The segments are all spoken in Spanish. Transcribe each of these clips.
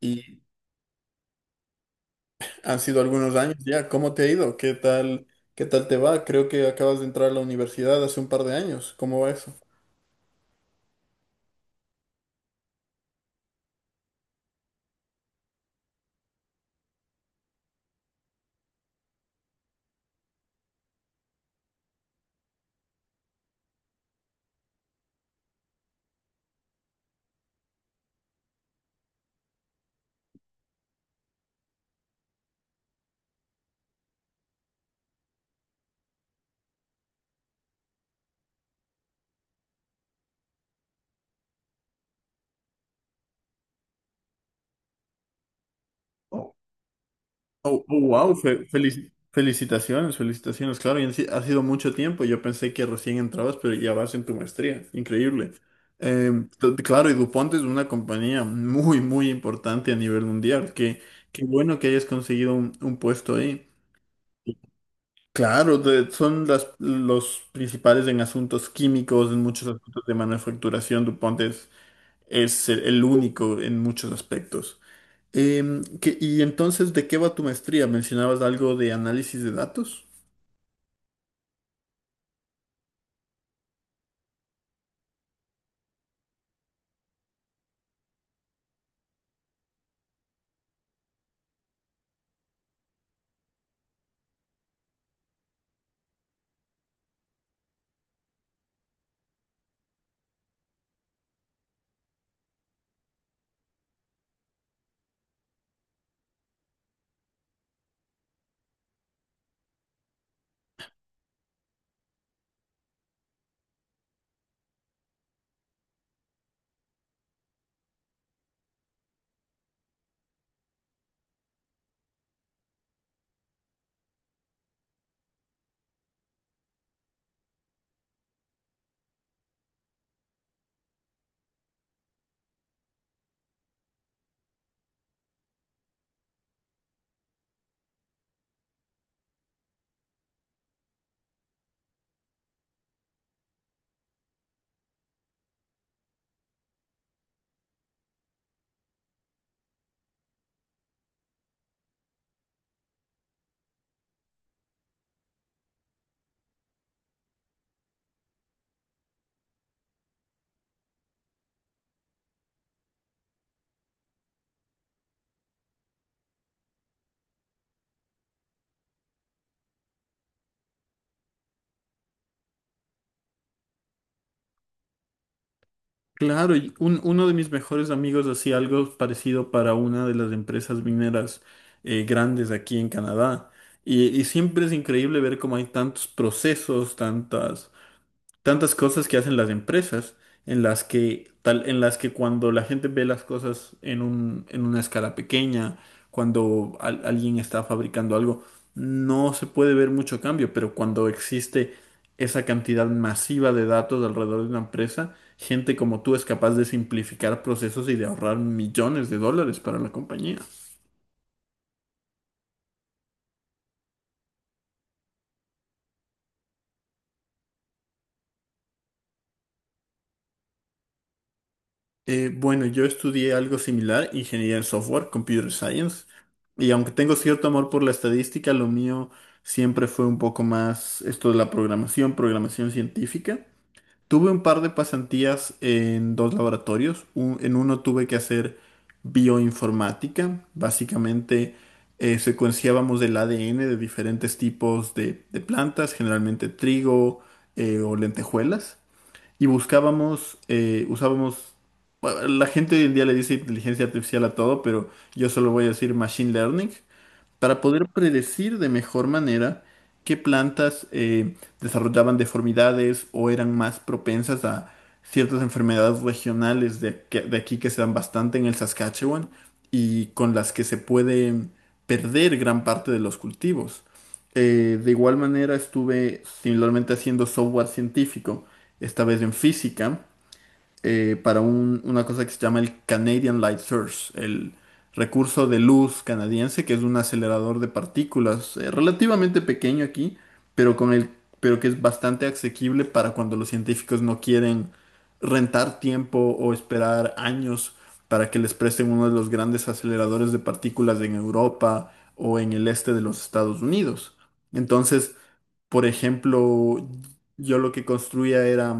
Y han sido algunos años ya. ¿Cómo te ha ido? ¿Qué tal? ¿Qué tal te va? Creo que acabas de entrar a la universidad hace un par de años. ¿Cómo va eso? Oh, oh, oh, wow, felicitaciones, felicitaciones, claro, y han si- ha sido mucho tiempo, yo pensé que recién entrabas, pero ya vas en tu maestría, increíble. Eh, claro, y DuPont es una compañía muy, muy importante a nivel mundial, que qué bueno que hayas conseguido un puesto ahí. Claro, son las, los principales en asuntos químicos, en muchos aspectos de manufacturación. DuPont es el único en muchos aspectos. Y entonces, ¿de qué va tu maestría? ¿Mencionabas algo de análisis de datos? Claro, y uno de mis mejores amigos hacía algo parecido para una de las empresas mineras grandes aquí en Canadá. Y siempre es increíble ver cómo hay tantos procesos, tantas cosas que hacen las empresas en las que cuando la gente ve las cosas en una escala pequeña, cuando alguien está fabricando algo, no se puede ver mucho cambio, pero cuando existe esa cantidad masiva de datos alrededor de una empresa, gente como tú es capaz de simplificar procesos y de ahorrar millones de dólares para la compañía. Bueno, yo estudié algo similar, ingeniería en software, computer science, y aunque tengo cierto amor por la estadística, lo mío siempre fue un poco más esto de la programación, programación científica. Tuve un par de pasantías en dos laboratorios. En uno tuve que hacer bioinformática, básicamente secuenciábamos el ADN de diferentes tipos de plantas, generalmente trigo o lentejuelas y buscábamos, usábamos, bueno, la gente hoy en día le dice inteligencia artificial a todo, pero yo solo voy a decir machine learning, para poder predecir de mejor manera qué plantas desarrollaban deformidades o eran más propensas a ciertas enfermedades regionales de aquí que se dan bastante en el Saskatchewan y con las que se puede perder gran parte de los cultivos. De igual manera estuve similarmente haciendo software científico, esta vez en física para una cosa que se llama el Canadian Light Source, el recurso de luz canadiense, que es un acelerador de partículas relativamente pequeño aquí, pero con el, pero que es bastante asequible para cuando los científicos no quieren rentar tiempo o esperar años para que les presten uno de los grandes aceleradores de partículas en Europa o en el este de los Estados Unidos. Entonces, por ejemplo, yo lo que construía era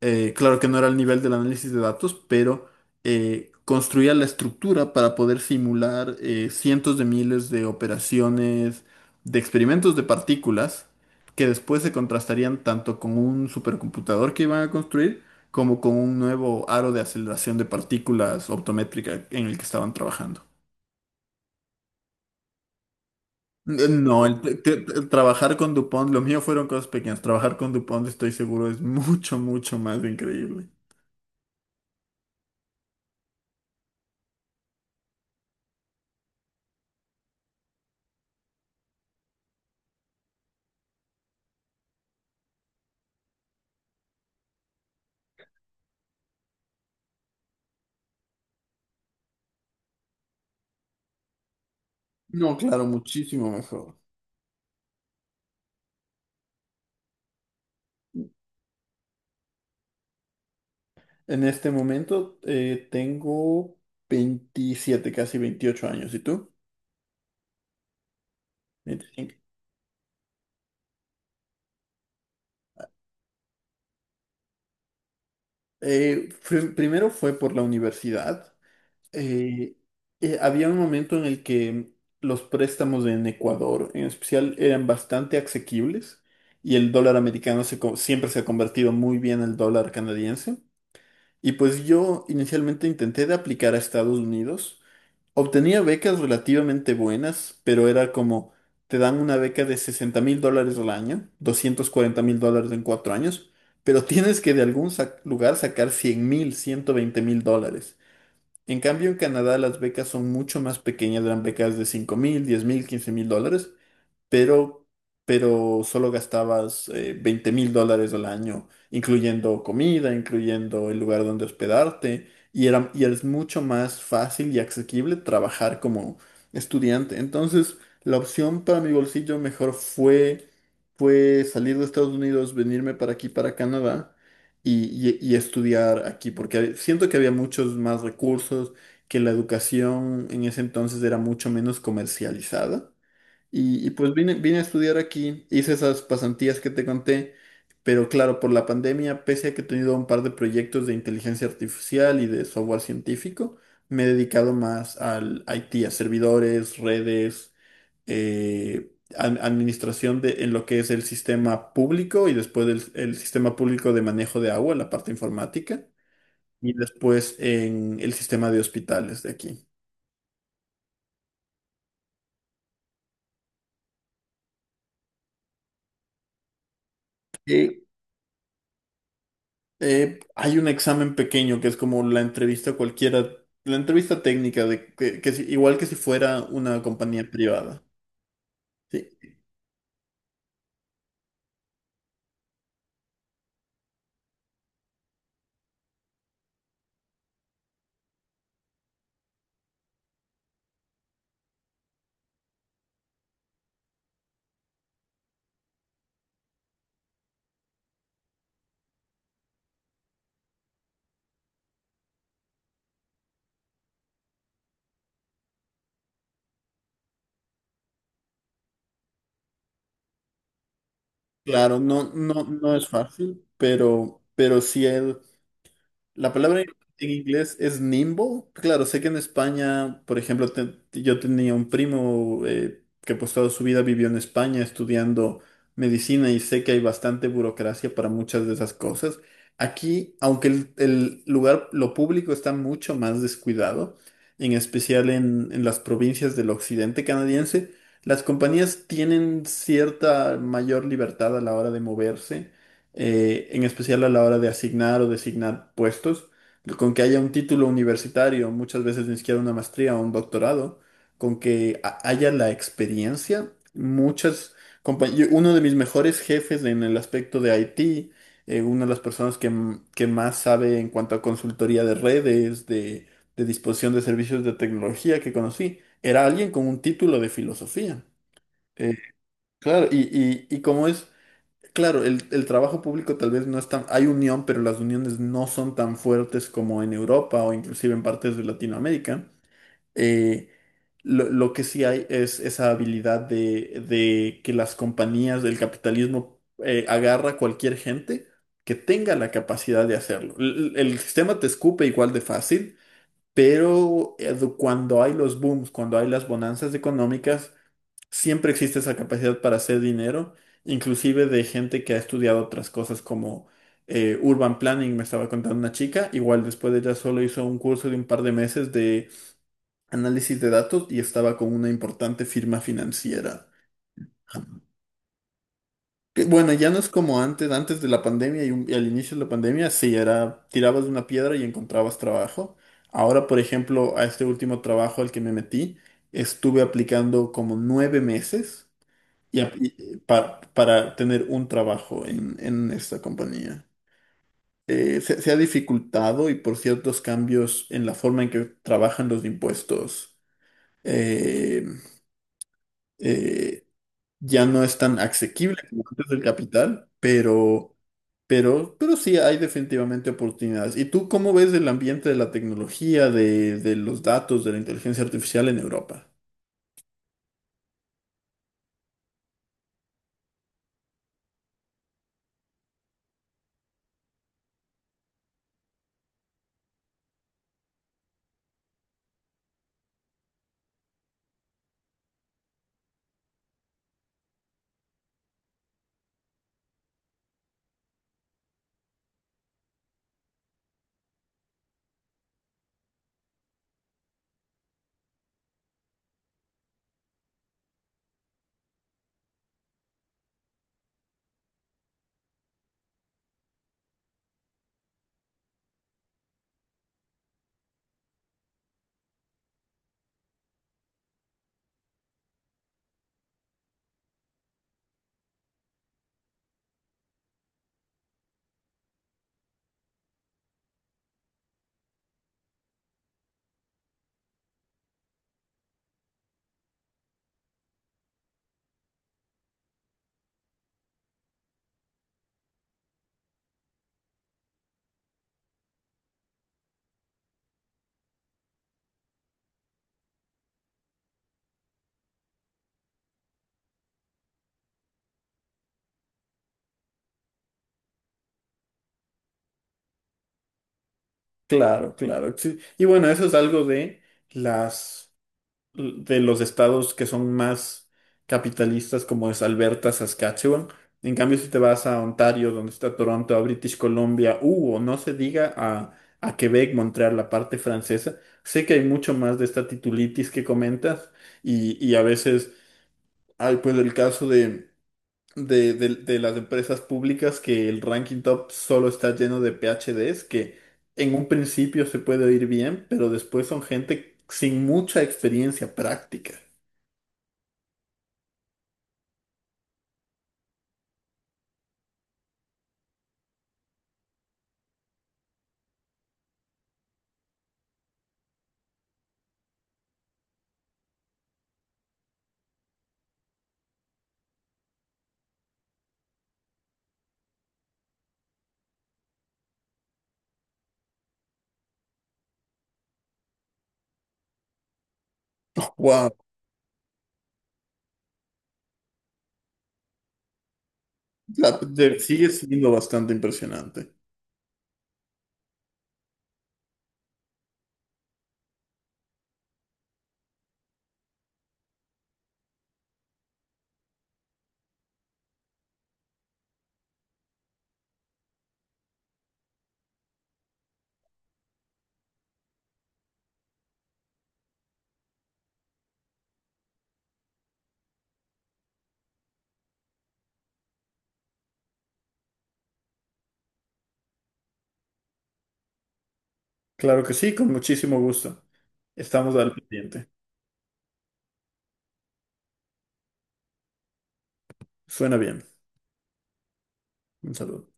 claro que no era el nivel del análisis de datos, pero construía la estructura para poder simular cientos de miles de operaciones, de experimentos de partículas, que después se contrastarían tanto con un supercomputador que iban a construir, como con un nuevo aro de aceleración de partículas optométrica en el que estaban trabajando. No, el, te- te- te- trabajar con DuPont, lo mío fueron cosas pequeñas. Trabajar con DuPont, estoy seguro, es mucho, mucho más increíble. No, claro, muchísimo mejor. En este momento tengo 27, casi 28 años. ¿Y tú? 25. Primero fue por la universidad. Eh, Había un momento en el que los préstamos en Ecuador, en especial, eran bastante asequibles y el dólar americano siempre se ha convertido muy bien al dólar canadiense. Y pues yo inicialmente intenté de aplicar a Estados Unidos. Obtenía becas relativamente buenas, pero era como, te dan una beca de 60.000 dólares al año, 240.000 dólares en 4 años, pero tienes que de algún lugar sacar 100.000, 120.000 dólares. En cambio, en Canadá las becas son mucho más pequeñas, eran becas de 5.000, 10.000, 15.000 dólares, pero, pero solo gastabas 20.000 dólares al año, incluyendo comida, incluyendo el lugar donde hospedarte, y era, y es mucho más fácil y asequible trabajar como estudiante. Entonces, la opción para mi bolsillo mejor fue salir de Estados Unidos, venirme para aquí, para Canadá. Y estudiar aquí, porque siento que había muchos más recursos, que la educación en ese entonces era mucho menos comercializada. Y pues vine a estudiar aquí, hice esas pasantías que te conté, pero claro, por la pandemia, pese a que he tenido un par de proyectos de inteligencia artificial y de software científico, me he dedicado más al IT, a servidores, redes, administración de, en lo que es el sistema público y después el sistema público de manejo de agua, la parte informática, y después en el sistema de hospitales de aquí. Eh, Hay un examen pequeño que es como la entrevista cualquiera, la entrevista técnica de que si- igual que si fuera una compañía privada. Sí, claro, no, no, no es fácil, pero sí es. La palabra en inglés es nimbo. Claro, sé que en España, por ejemplo, yo tenía un primo que pues toda su vida vivió en España estudiando medicina y sé que hay bastante burocracia para muchas de esas cosas. Aquí, aunque el lugar, lo público está mucho más descuidado, en especial en las provincias del occidente canadiense, las compañías tienen cierta mayor libertad a la hora de moverse en especial a la hora de asignar o designar puestos, con que haya un título universitario, muchas veces ni siquiera una maestría o un doctorado, con que haya la experiencia. Uno de mis mejores jefes en el aspecto de IT, una de las personas que, que más sabe en cuanto a consultoría de redes, de disposición de servicios de tecnología que conocí, era alguien con un título de filosofía. Eh, claro, y, y como es. Claro, el trabajo público tal vez no es tan. Hay unión, pero las uniones no son tan fuertes como en Europa o inclusive en partes de Latinoamérica. Eh, lo que sí hay es esa habilidad de que las compañías del capitalismo agarra a cualquier gente que tenga la capacidad de hacerlo. El sistema te escupe igual de fácil, pero cuando hay los booms, cuando hay las bonanzas económicas siempre existe esa capacidad para hacer dinero, inclusive de gente que ha estudiado otras cosas como Urban Planning, me estaba contando una chica, igual después de ella solo hizo un curso de un par de meses de análisis de datos y estaba con una importante firma financiera. Bueno, ya no es como antes, antes de la pandemia y al inicio de la pandemia, sí, era, tirabas de una piedra y encontrabas trabajo. Ahora, por ejemplo, a este último trabajo al que me metí, estuve aplicando como 9 meses para tener un trabajo en esta compañía. Se ha dificultado y por ciertos cambios en la forma en que trabajan los impuestos, eh, eh, ya no es tan asequible como antes del capital, pero sí hay definitivamente oportunidades. ¿Y tú cómo ves el ambiente de la tecnología, de los datos, de la inteligencia artificial en Europa? Claro, claro. Sí. Y bueno, eso es algo las... de los estados que son más capitalistas, como es Alberta, Saskatchewan. En cambio, si te vas a Ontario, donde está Toronto, a British Columbia, o no se diga a, Quebec, Montreal, la parte francesa, sé que hay mucho más de esta titulitis que comentas y a veces hay pues el caso de las empresas públicas que el ranking top solo está lleno de PhDs que en un principio se puede oír bien, pero después son gente sin mucha experiencia práctica. Wow, sigue siendo bastante impresionante. Claro que sí, con muchísimo gusto. Estamos al pendiente. Suena bien. Un saludo.